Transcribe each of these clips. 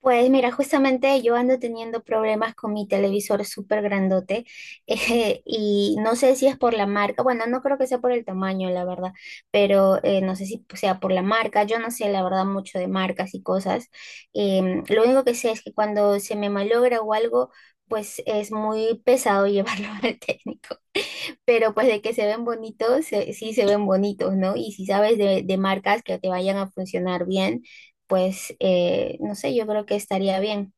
Pues mira, justamente yo ando teniendo problemas con mi televisor súper grandote y no sé si es por la marca, bueno, no creo que sea por el tamaño, la verdad, pero no sé si sea por la marca, yo no sé la verdad mucho de marcas y cosas. Lo único que sé es que cuando se me malogra o algo, pues es muy pesado llevarlo al técnico, pero pues de que se ven bonitos, sí se ven bonitos, ¿no? Y si sabes de marcas que te vayan a funcionar bien, pues no sé, yo creo que estaría bien.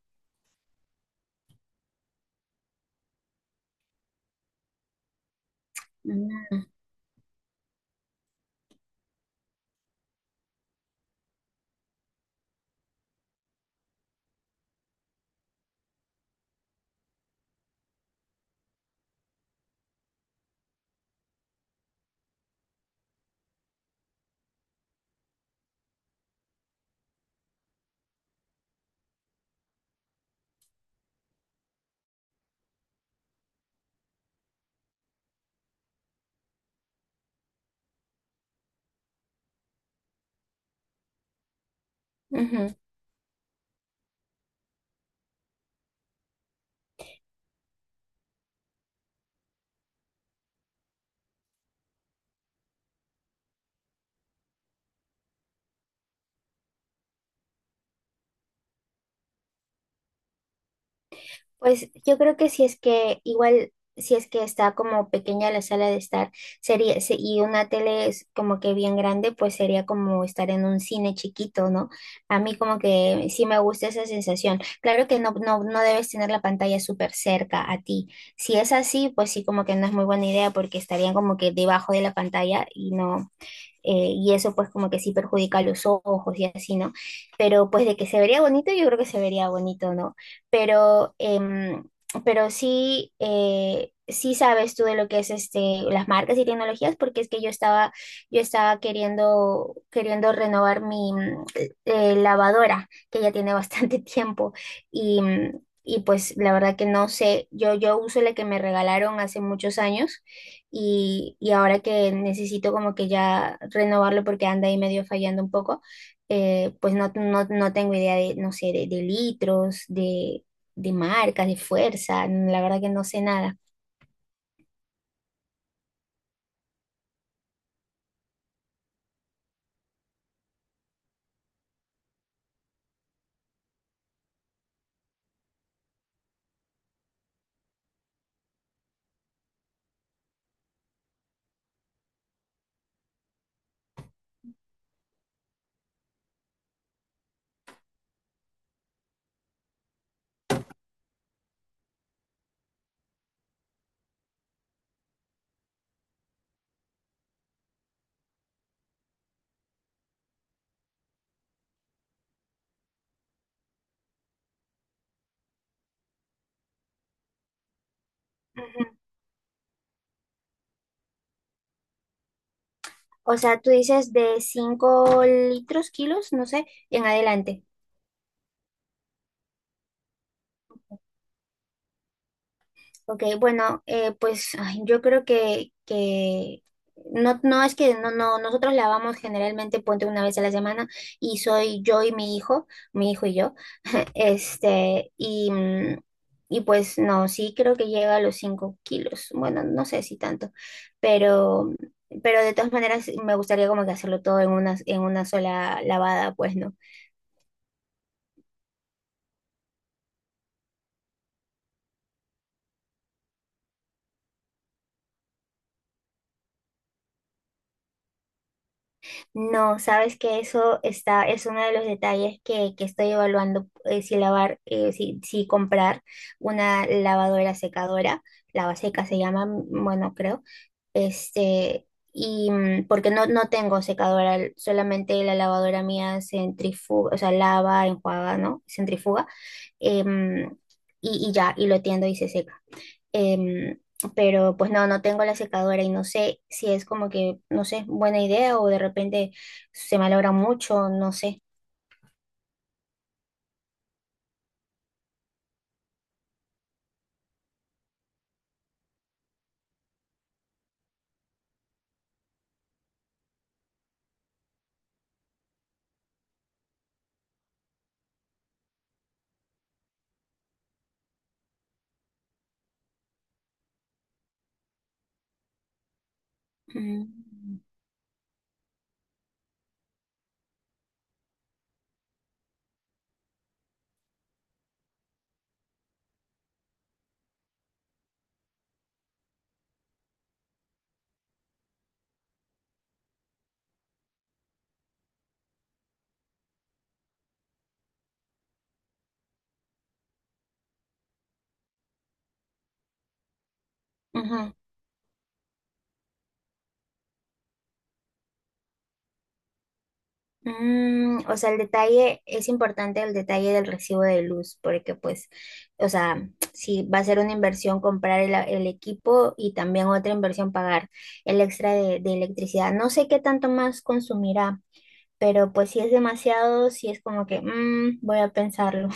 Ujú. Ujú. Pues yo creo que si es que igual, si es que está como pequeña la sala de estar, y una tele es como que bien grande, pues sería como estar en un cine chiquito, ¿no? A mí como que sí me gusta esa sensación. Claro que no debes tener la pantalla súper cerca a ti. Si es así, pues sí como que no es muy buena idea porque estarían como que debajo de la pantalla y no y eso pues como que sí perjudica los ojos y así, ¿no? Pero pues de que se vería bonito, yo creo que se vería bonito, ¿no? Pero, pero sí, sí sabes tú de lo que es este, las marcas y tecnologías, porque es que yo estaba queriendo renovar mi lavadora, que ya tiene bastante tiempo, y pues la verdad que no sé, yo uso la que me regalaron hace muchos años y ahora que necesito como que ya renovarlo porque anda ahí medio fallando un poco, pues no tengo idea de, no sé, de litros, de marcas, de fuerza, la verdad que no sé nada. Ujú. O sea, tú dices de 5 litros, kilos, no sé, en adelante. Ok, bueno, pues ay, yo creo que no es que no, no, nosotros lavamos generalmente ponte una vez a la semana y soy yo y mi hijo y yo, este, y, mm, y pues no, sí creo que llega a los 5 kilos, bueno, no sé si tanto, pero, pero de todas maneras me gustaría como que hacerlo todo en una sola lavada, pues, ¿no? No, sabes que eso está, es uno de los detalles que estoy evaluando, si lavar, si comprar una lavadora secadora, lavaseca se llama, bueno, creo, este, porque no tengo secadora, solamente la lavadora mía centrifuga, o sea, lava, enjuaga, ¿no? Centrifuga, em, y ya, y lo tiendo y se seca. Em, pero pues no tengo la secadora y no sé si es como que, no sé, buena idea o de repente se malogra mucho, no sé. Mm, ujú. O sea, el detalle, es importante el detalle del recibo de luz, porque pues, o sea, si va a ser una inversión comprar el equipo y también otra inversión pagar el extra de electricidad. No sé qué tanto más consumirá, pero pues si es demasiado, si es como que, voy a pensarlo.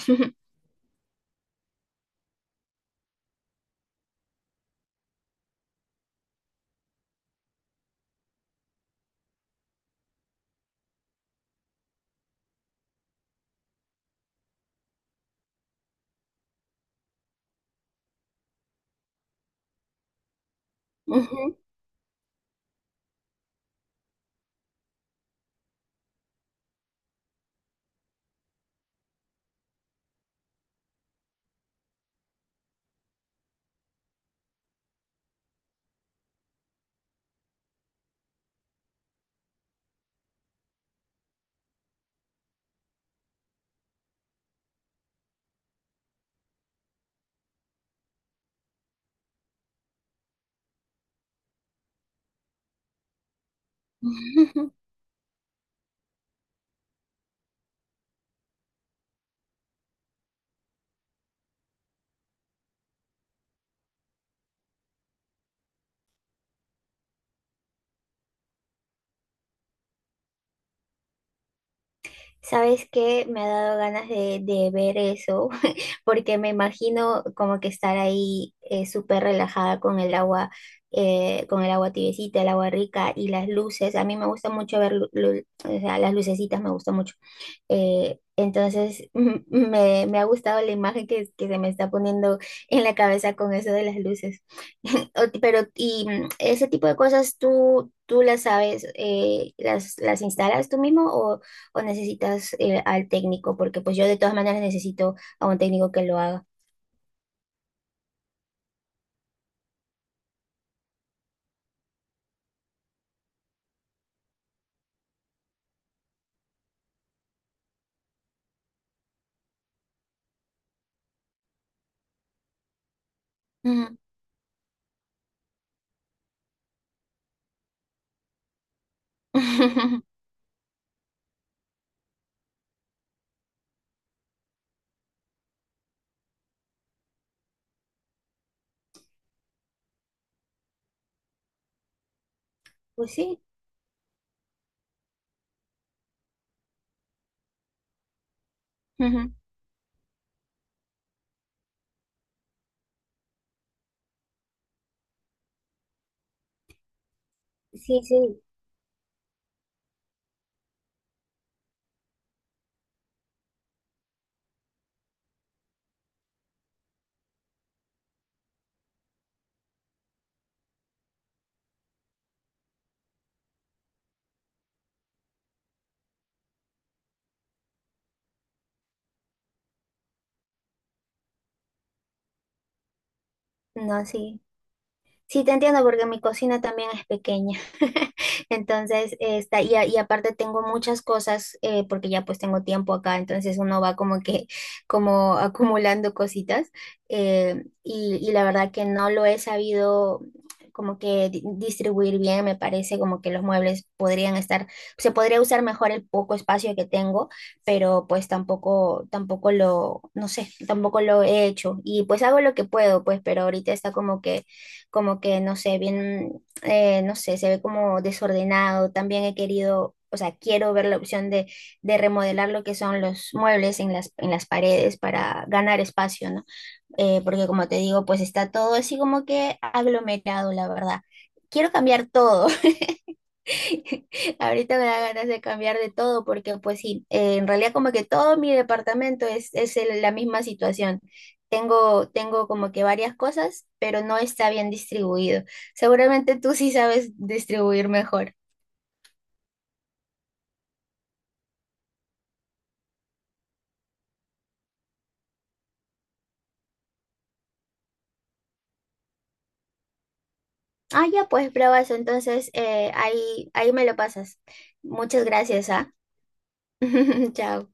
¿Sabes qué? Me ha dado ganas de ver eso, porque me imagino como que estar ahí súper relajada con el agua tibiecita, el agua rica y las luces. A mí me gusta mucho ver, o sea, las lucecitas me gusta mucho. Entonces, me ha gustado la imagen que se me está poniendo en la cabeza con eso de las luces. Pero, ese tipo de cosas tú las sabes, las instalas tú mismo o necesitas al técnico? Porque pues yo de todas maneras necesito a un técnico que lo haga. Ujú. Pues sí. Ujú. Sí, sí. No, sí. Sí, te entiendo porque mi cocina también es pequeña. Entonces, está, y aparte tengo muchas cosas porque ya pues tengo tiempo acá, entonces uno va como que como acumulando cositas, y la verdad que no lo he sabido como que distribuir bien, me parece como que los muebles podrían estar, se podría usar mejor el poco espacio que tengo, pero pues tampoco lo, no sé, tampoco lo he hecho y pues hago lo que puedo, pues, pero ahorita está como que, no sé, bien, no sé, se ve como desordenado. También he querido, o sea, quiero ver la opción de remodelar lo que son los muebles en las paredes para ganar espacio, ¿no? Porque como te digo, pues está todo así como que aglomerado, la verdad. Quiero cambiar todo. Ahorita me da ganas de cambiar de todo porque pues sí, en realidad como que todo mi departamento es la misma situación. Tengo como que varias cosas, pero no está bien distribuido. Seguramente tú sí sabes distribuir mejor. Ah, ya pues, bravazo. Entonces ahí me lo pasas. Muchas gracias, ¿ah? Chao.